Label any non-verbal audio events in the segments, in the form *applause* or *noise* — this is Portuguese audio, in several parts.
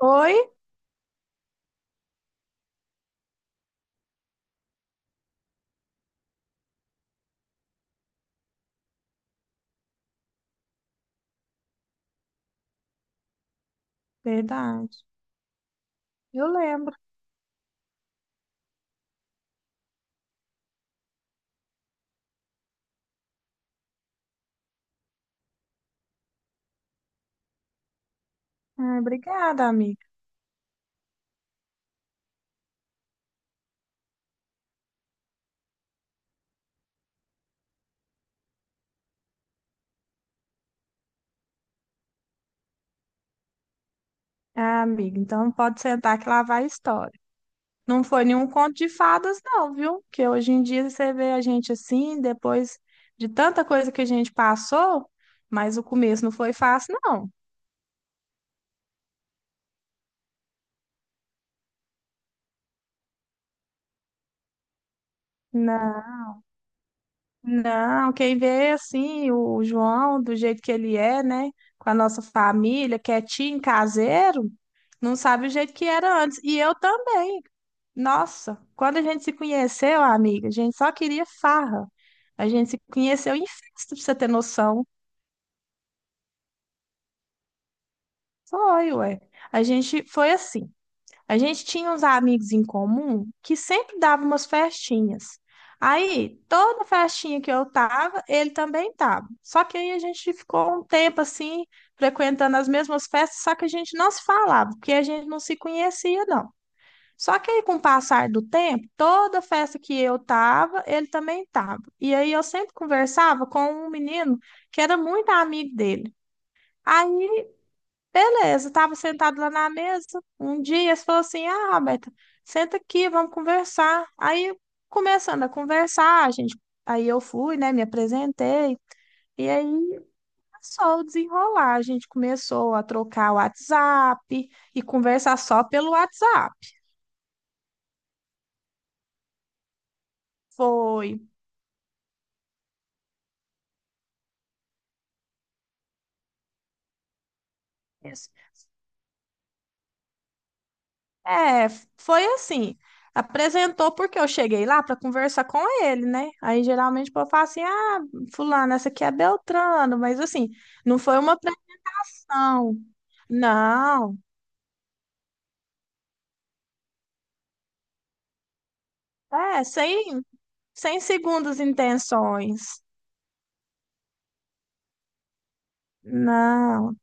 Oi? Verdade. Eu lembro. Ah, obrigada, amiga. Ah, amiga, então pode sentar que lá vai a história. Não foi nenhum conto de fadas, não, viu? Que hoje em dia você vê a gente assim, depois de tanta coisa que a gente passou, mas o começo não foi fácil, não. Não, não, quem vê assim, o João, do jeito que ele é, né? Com a nossa família, quietinho, caseiro, não sabe o jeito que era antes. E eu também. Nossa, quando a gente se conheceu, amiga, a gente só queria farra. A gente se conheceu em festa, pra você ter noção. Foi, ué. A gente foi assim. A gente tinha uns amigos em comum que sempre davam umas festinhas. Aí, toda festinha que eu tava, ele também tava. Só que aí a gente ficou um tempo assim, frequentando as mesmas festas, só que a gente não se falava, porque a gente não se conhecia, não. Só que aí, com o passar do tempo, toda festa que eu tava, ele também tava. E aí eu sempre conversava com um menino que era muito amigo dele. Aí, beleza, tava sentado lá na mesa. Um dia ele falou assim: Ah, Roberta, senta aqui, vamos conversar. Aí, começando a conversar, a gente, aí eu fui, né, me apresentei. E aí começou o desenrolar. A gente começou a trocar o WhatsApp e conversar só pelo WhatsApp. Foi. É, foi assim. Apresentou porque eu cheguei lá para conversar com ele, né? Aí geralmente o povo fala assim: ah, fulano, essa aqui é Beltrano, mas assim, não foi uma pregação. Não, é, sem segundas intenções. Não,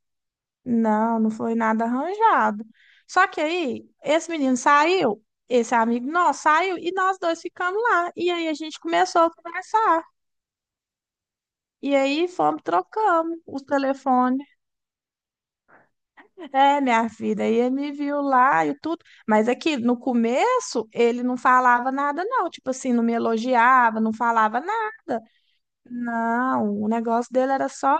não, não foi nada arranjado. Só que aí, esse menino saiu, esse amigo nosso saiu, e nós dois ficamos lá. E aí a gente começou a conversar. E aí fomos, trocamos os telefones. É, minha filha, e ele me viu lá e tudo, mas é que no começo ele não falava nada, não, tipo assim, não me elogiava, não falava nada. Não, o negócio dele era só.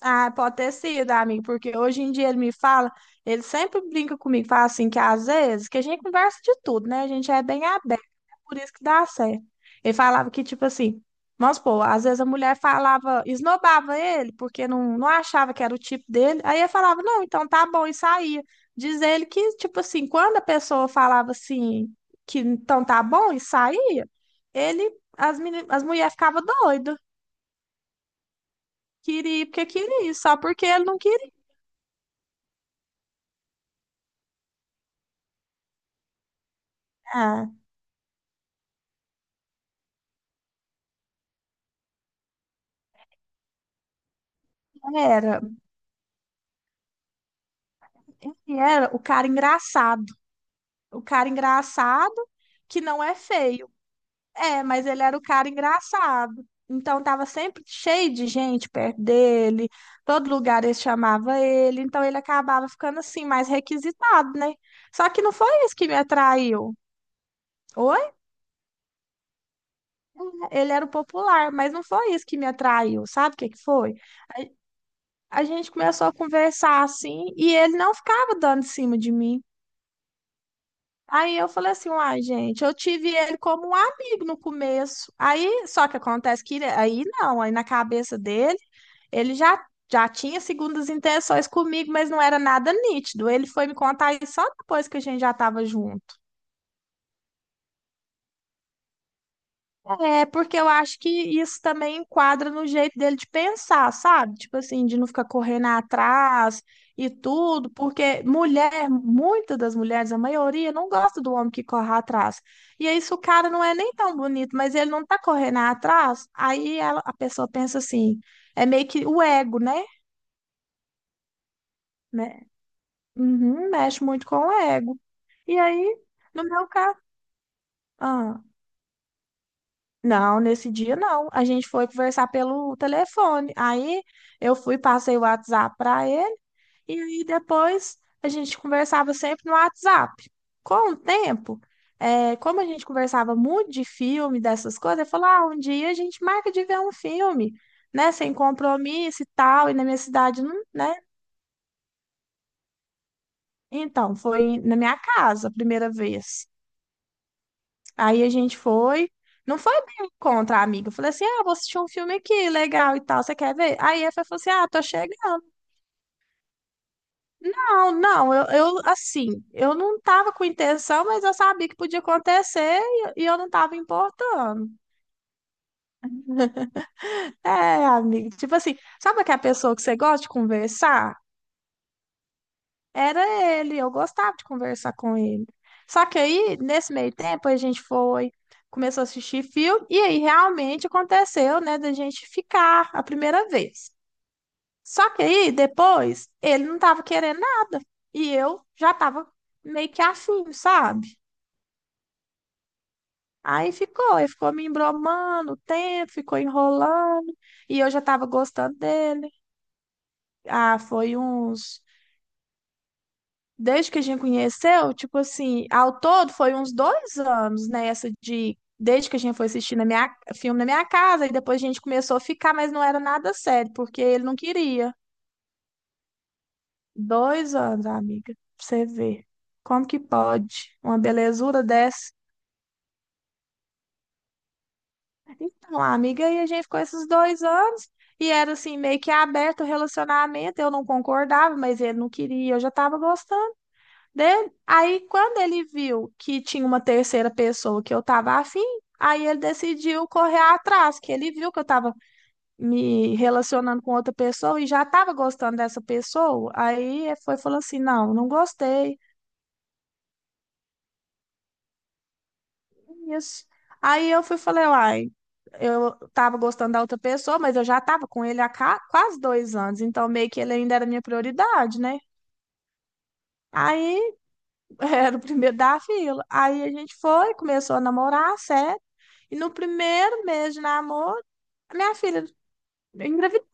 Ah, pode ter sido, amigo, porque hoje em dia ele me fala, ele sempre brinca comigo, fala assim, que às vezes, que a gente conversa de tudo, né? A gente é bem aberto, é por isso que dá certo. Ele falava que, tipo assim, vamos supor, às vezes a mulher falava, esnobava ele, porque não, não achava que era o tipo dele, aí ele falava, não, então tá bom, e saía. Diz ele que, tipo assim, quando a pessoa falava assim, que então tá bom, e saía, ele, as mulheres ficavam doidas, queria porque queria, só porque ele não queria. Ah. Era, ele era o cara engraçado. O cara engraçado que não é feio. É, mas ele era o cara engraçado. Então tava sempre cheio de gente perto dele, todo lugar eles chamava ele, então ele acabava ficando assim mais requisitado, né? Só que não foi isso que me atraiu. Oi? É, ele era o popular, mas não foi isso que me atraiu. Sabe o que que foi? A gente começou a conversar assim e ele não ficava dando em cima de mim. Aí eu falei assim, uai, gente, eu tive ele como um amigo no começo. Aí, só que acontece que aí não, aí na cabeça dele, ele já tinha segundas intenções comigo, mas não era nada nítido. Ele foi me contar isso só depois que a gente já estava junto. É, porque eu acho que isso também enquadra no jeito dele de pensar, sabe? Tipo assim, de não ficar correndo atrás e tudo, porque mulher, muitas das mulheres, a maioria, não gosta do homem que corre atrás. E aí, se o cara não é nem tão bonito, mas ele não tá correndo atrás, aí a pessoa pensa assim, é meio que o ego, né? Né? Uhum, mexe muito com o ego. E aí, no meu caso. Não, nesse dia não. A gente foi conversar pelo telefone. Aí eu fui, passei o WhatsApp para ele e aí depois a gente conversava sempre no WhatsApp. Com o tempo, é, como a gente conversava muito de filme, dessas coisas, ele falou: ah, um dia a gente marca de ver um filme, né? Sem compromisso e tal. E na minha cidade, não, né? Então, foi na minha casa a primeira vez. Aí a gente foi. Não foi bem contra a amiga. Eu falei assim: ah, vou assistir um filme aqui, legal e tal, você quer ver? Aí a Fê falou assim: ah, tô chegando. Não, não, eu, assim, eu não tava com intenção, mas eu sabia que podia acontecer e eu não tava importando. É, amiga, tipo assim, sabe aquela pessoa que você gosta de conversar? Era ele, eu gostava de conversar com ele. Só que aí, nesse meio tempo, a gente foi começou a assistir filme, e aí realmente aconteceu, né, da gente ficar a primeira vez. Só que aí, depois, ele não tava querendo nada. E eu já tava meio que afim, sabe? Aí ficou, ele ficou me embromando o tempo, ficou enrolando. E eu já tava gostando dele. Ah, foi uns. Desde que a gente conheceu, tipo assim, ao todo foi uns 2 anos, né? Essa de. Desde que a gente foi assistir na minha, filme na minha casa, e depois a gente começou a ficar, mas não era nada sério, porque ele não queria. 2 anos, amiga, pra você ver. Como que pode? Uma belezura dessa. Então, amiga, aí a gente ficou esses 2 anos e era assim, meio que aberto o relacionamento. Eu não concordava, mas ele não queria, eu já tava gostando dele. Aí, quando ele viu que tinha uma terceira pessoa que eu tava afim, aí ele decidiu correr atrás, que ele viu que eu tava me relacionando com outra pessoa e já tava gostando dessa pessoa. Aí ele foi falando assim: não, não gostei. Isso. Aí eu fui e falei, uai, eu tava gostando da outra pessoa, mas eu já tava com ele há quase 2 anos, então meio que ele ainda era minha prioridade, né? Aí *laughs* era o primeiro da fila. Aí a gente foi, começou a namorar, sério. E no primeiro mês de namoro, a minha filha engravidou.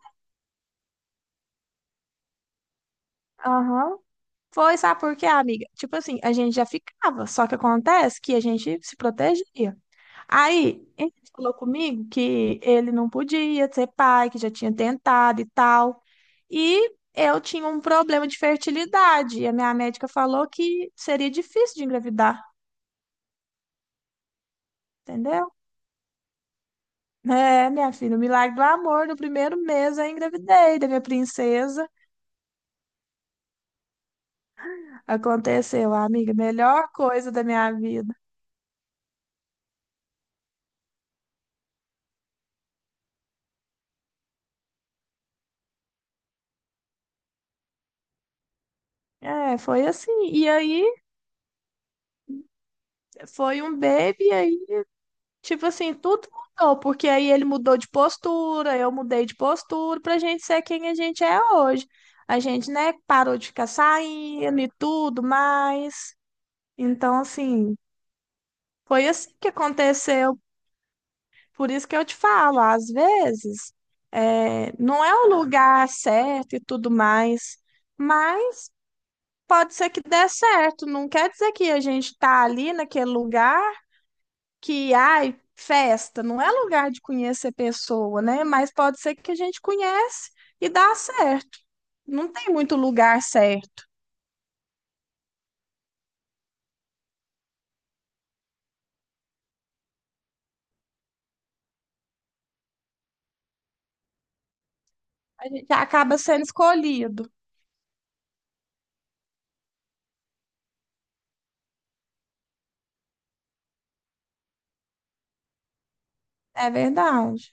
Aham. Foi, sabe por quê, amiga? Tipo assim, a gente já ficava, só que acontece que a gente se protegia. Aí ele falou comigo que ele não podia ser pai, que já tinha tentado e tal. E eu tinha um problema de fertilidade. E a minha médica falou que seria difícil de engravidar, entendeu? É, minha filha, o milagre do amor no primeiro mês eu engravidei da minha princesa. Aconteceu, amiga, melhor coisa da minha vida. É, foi assim. E aí foi um baby. Tipo assim, tudo mudou, porque aí ele mudou de postura, eu mudei de postura pra gente ser quem a gente é hoje. A gente, né, parou de ficar saindo e tudo mais. Então, assim, foi assim que aconteceu. Por isso que eu te falo, às vezes, é, não é o lugar certo e tudo mais, mas pode ser que dê certo. Não quer dizer que a gente tá ali naquele lugar. Que, ai, festa não é lugar de conhecer pessoa, né? Mas pode ser que a gente conhece e dá certo. Não tem muito lugar certo. A gente acaba sendo escolhido. É verdade,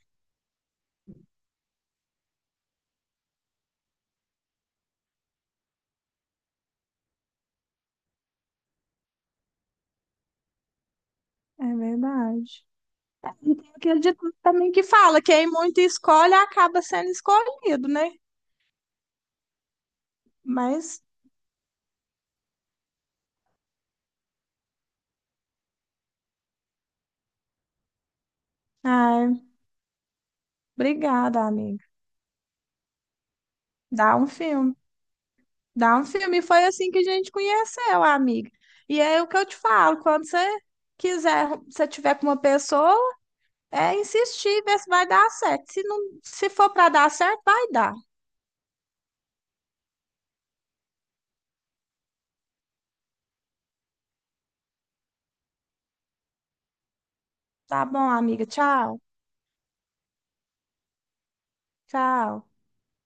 é verdade. E tem aquele ditado também que fala, quem muito escolhe acaba sendo escolhido, né? Mas, ai, obrigada, amiga. Dá um filme. Dá um filme. E foi assim que a gente conheceu, amiga. E é o que eu te falo, quando você quiser, se tiver com uma pessoa, é insistir, ver se vai dar certo. Se não, se for para dar certo, vai dar. Tá bom, amiga. Tchau. Tchau.